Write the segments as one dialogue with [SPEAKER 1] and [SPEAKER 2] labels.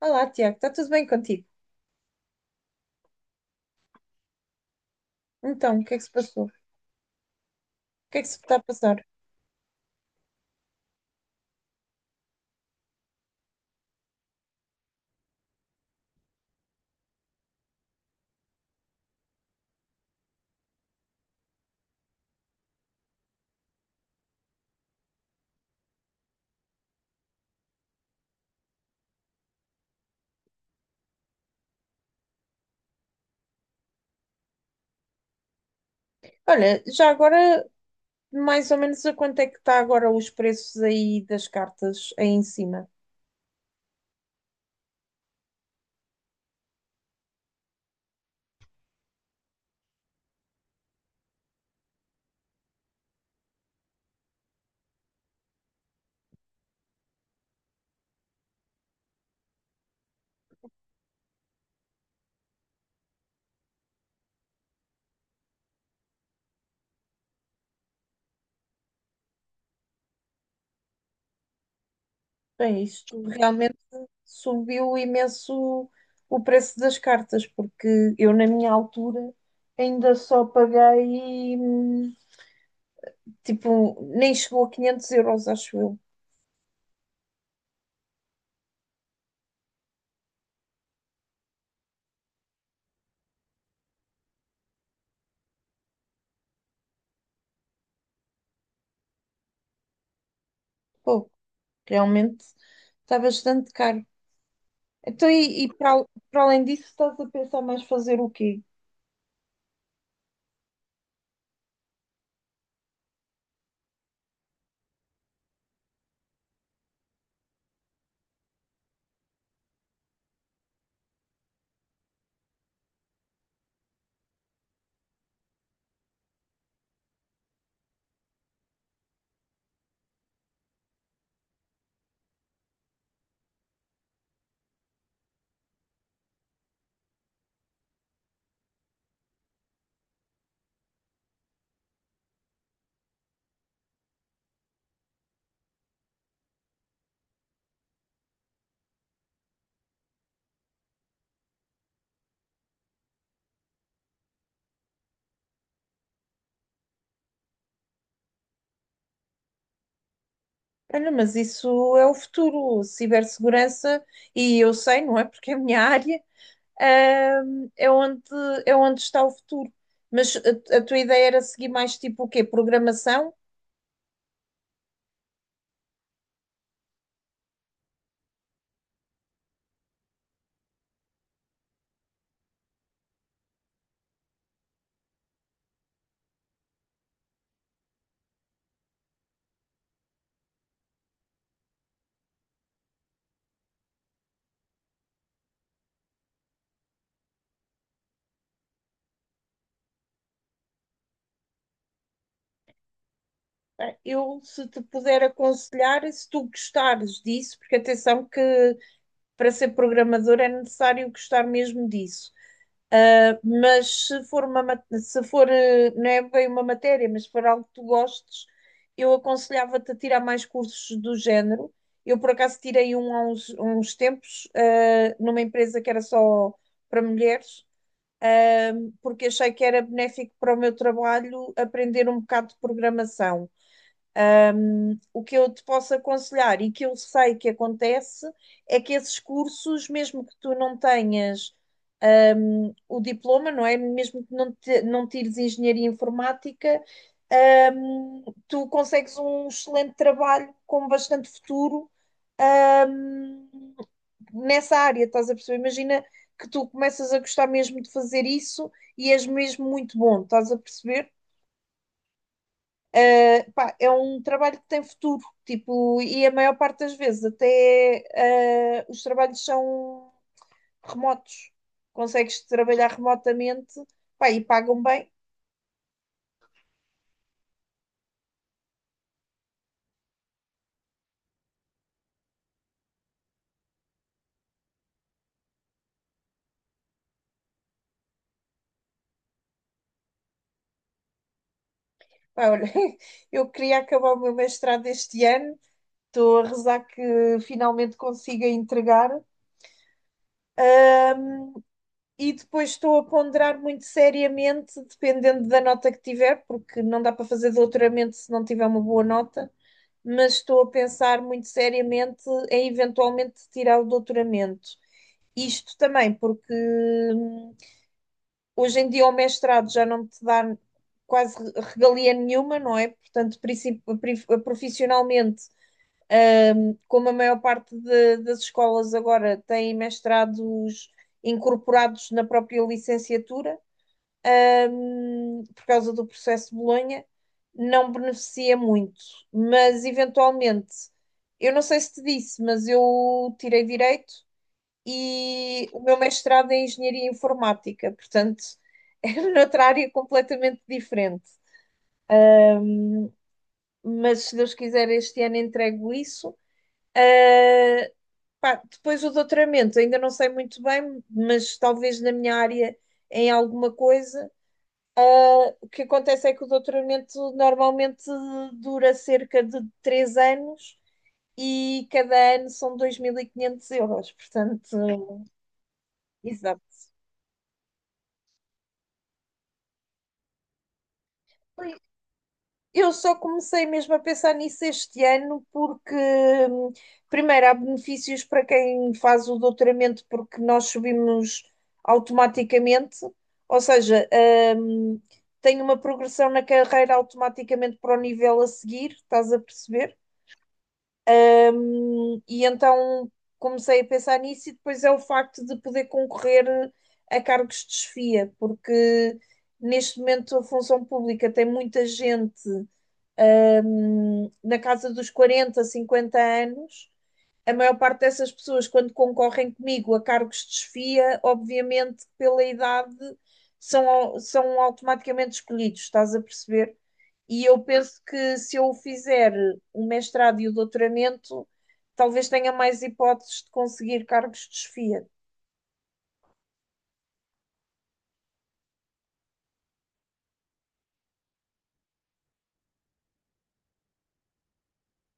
[SPEAKER 1] Olá, Tiago, está tudo bem contigo? Então, o que é que se passou? O que é que se está a passar? Olha, já agora, mais ou menos a quanto é que está agora os preços aí das cartas aí em cima? Bem, isto realmente subiu imenso o preço das cartas, porque eu na minha altura ainda só paguei, tipo, nem chegou a 500 euros, acho eu. Pô, realmente está bastante caro. Então, e para além disso, estás a pensar mais fazer o quê? Olha, mas isso é o futuro, cibersegurança, e eu sei, não é? Porque é a minha área, ahm, é onde, é onde está o futuro. Mas a tua ideia era seguir mais tipo o quê? Programação? Eu, se te puder aconselhar, se tu gostares disso, porque atenção que para ser programador é necessário gostar mesmo disso. Mas se for, não é bem uma matéria, mas se for algo que tu gostes, eu aconselhava-te a tirar mais cursos do género. Eu, por acaso, tirei um há uns tempos, numa empresa que era só para mulheres, eh, porque achei que era benéfico para o meu trabalho aprender um bocado de programação. O que eu te posso aconselhar e que eu sei que acontece é que esses cursos, mesmo que tu não tenhas o diploma, não é? Mesmo que não tires engenharia informática, tu consegues um excelente trabalho com bastante futuro, hum, nessa área, estás a perceber? Imagina que tu começas a gostar mesmo de fazer isso e és mesmo muito bom, estás a perceber? Ah, pá, é um trabalho que tem futuro, tipo, e a maior parte das vezes até os trabalhos são remotos. Consegues trabalhar remotamente, pá, e pagam bem. Pá, olha, eu queria acabar o meu mestrado este ano, estou a rezar que finalmente consiga entregar. E depois estou a ponderar muito seriamente, dependendo da nota que tiver, porque não dá para fazer doutoramento se não tiver uma boa nota. Mas estou a pensar muito seriamente em eventualmente tirar o doutoramento. Isto também porque hum, hoje em dia o mestrado já não te dá quase regalia nenhuma, não é? Portanto, profissionalmente, como a maior parte das escolas agora têm mestrados incorporados na própria licenciatura, por causa do processo de Bolonha, não beneficia muito. Mas eventualmente, eu não sei se te disse, mas eu tirei direito e o meu mestrado é em engenharia informática, portanto, é noutra área completamente diferente. Mas se Deus quiser, este ano entrego isso. Ah, pá, depois o doutoramento, ainda não sei muito bem, mas talvez na minha área em alguma coisa. O que acontece é que o doutoramento normalmente dura cerca de 3 anos e cada ano são 2500 euros. Portanto, exato. Eu só comecei mesmo a pensar nisso este ano porque, hum, primeiro, há benefícios para quem faz o doutoramento porque nós subimos automaticamente, ou seja, hum, tem uma progressão na carreira automaticamente para o nível a seguir, estás a perceber? E então comecei a pensar nisso, e depois é o facto de poder concorrer a cargos de chefia, porque neste momento a função pública tem muita gente, na casa dos 40, 50 anos a maior parte dessas pessoas, quando concorrem comigo a cargos de chefia, obviamente pela idade são automaticamente escolhidos, estás a perceber? E eu penso que se eu fizer o mestrado e o doutoramento, talvez tenha mais hipóteses de conseguir cargos de chefia.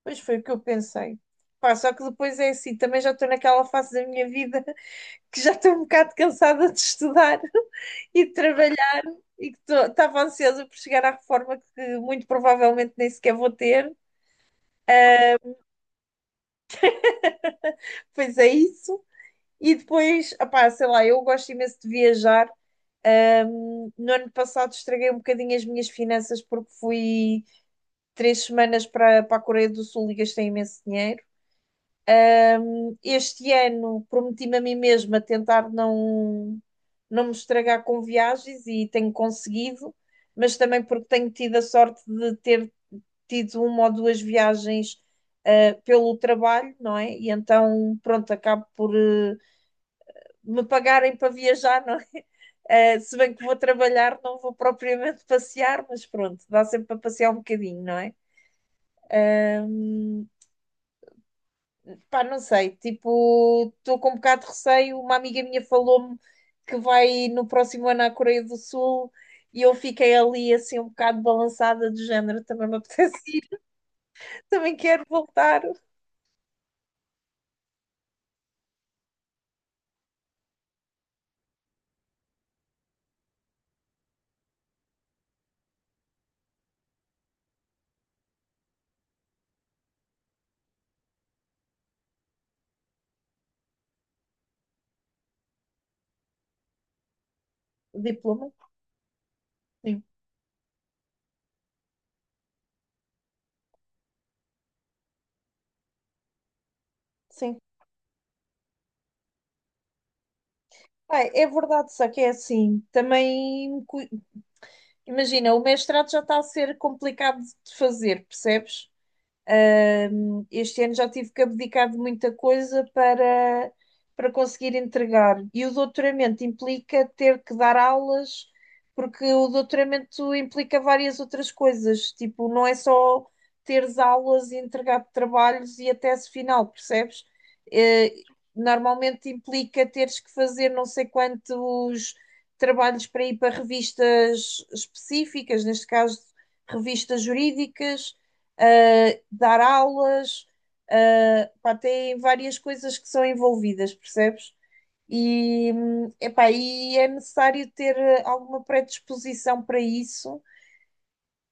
[SPEAKER 1] Pois foi o que eu pensei. Pá, só que depois é assim, também já estou naquela fase da minha vida que já estou um bocado cansada de estudar e de trabalhar. E que estava ansiosa por chegar à reforma que muito provavelmente nem sequer vou ter, pois é isso. E depois, opá, sei lá, eu gosto imenso de viajar. No ano passado estraguei um bocadinho as minhas finanças porque fui 3 semanas para a Coreia do Sul e gastei imenso dinheiro. Este ano prometi-me a mim mesma tentar não me estragar com viagens e tenho conseguido, mas também porque tenho tido a sorte de ter tido uma ou duas viagens pelo trabalho, não é? E então, pronto, acabo por me pagarem para viajar, não é? Se bem que vou trabalhar, não vou propriamente passear, mas pronto, dá sempre para passear um bocadinho, não é? Pá, não sei, tipo, estou com um bocado de receio. Uma amiga minha falou-me que vai no próximo ano à Coreia do Sul e eu fiquei ali assim um bocado balançada de género, também me apetece ir, também quero voltar. Diploma? Sim. Sim. Ai, é verdade, só que é assim. Também, imagina, o mestrado já está a ser complicado de fazer, percebes? Este ano já tive que abdicar de muita coisa para conseguir entregar. E o doutoramento implica ter que dar aulas, porque o doutoramento implica várias outras coisas. Tipo, não é só teres aulas e entregar trabalhos e a tese final, percebes? Eh, Normalmente implica teres que fazer não sei quantos trabalhos para ir para revistas específicas, neste caso, revistas jurídicas, ah, dar aulas, ah, pá, tem várias coisas que são envolvidas, percebes? E, epá, e é necessário ter alguma predisposição para isso,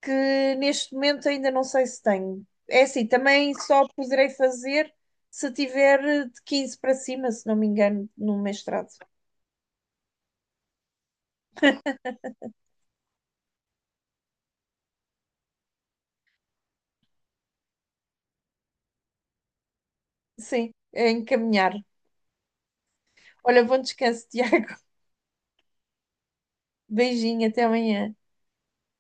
[SPEAKER 1] que neste momento ainda não sei se tenho. É assim, também só poderei fazer se tiver de 15 para cima, se não me engano, no mestrado. Sim, é encaminhar. Olha, bom descanso, Tiago. Beijinho, até amanhã.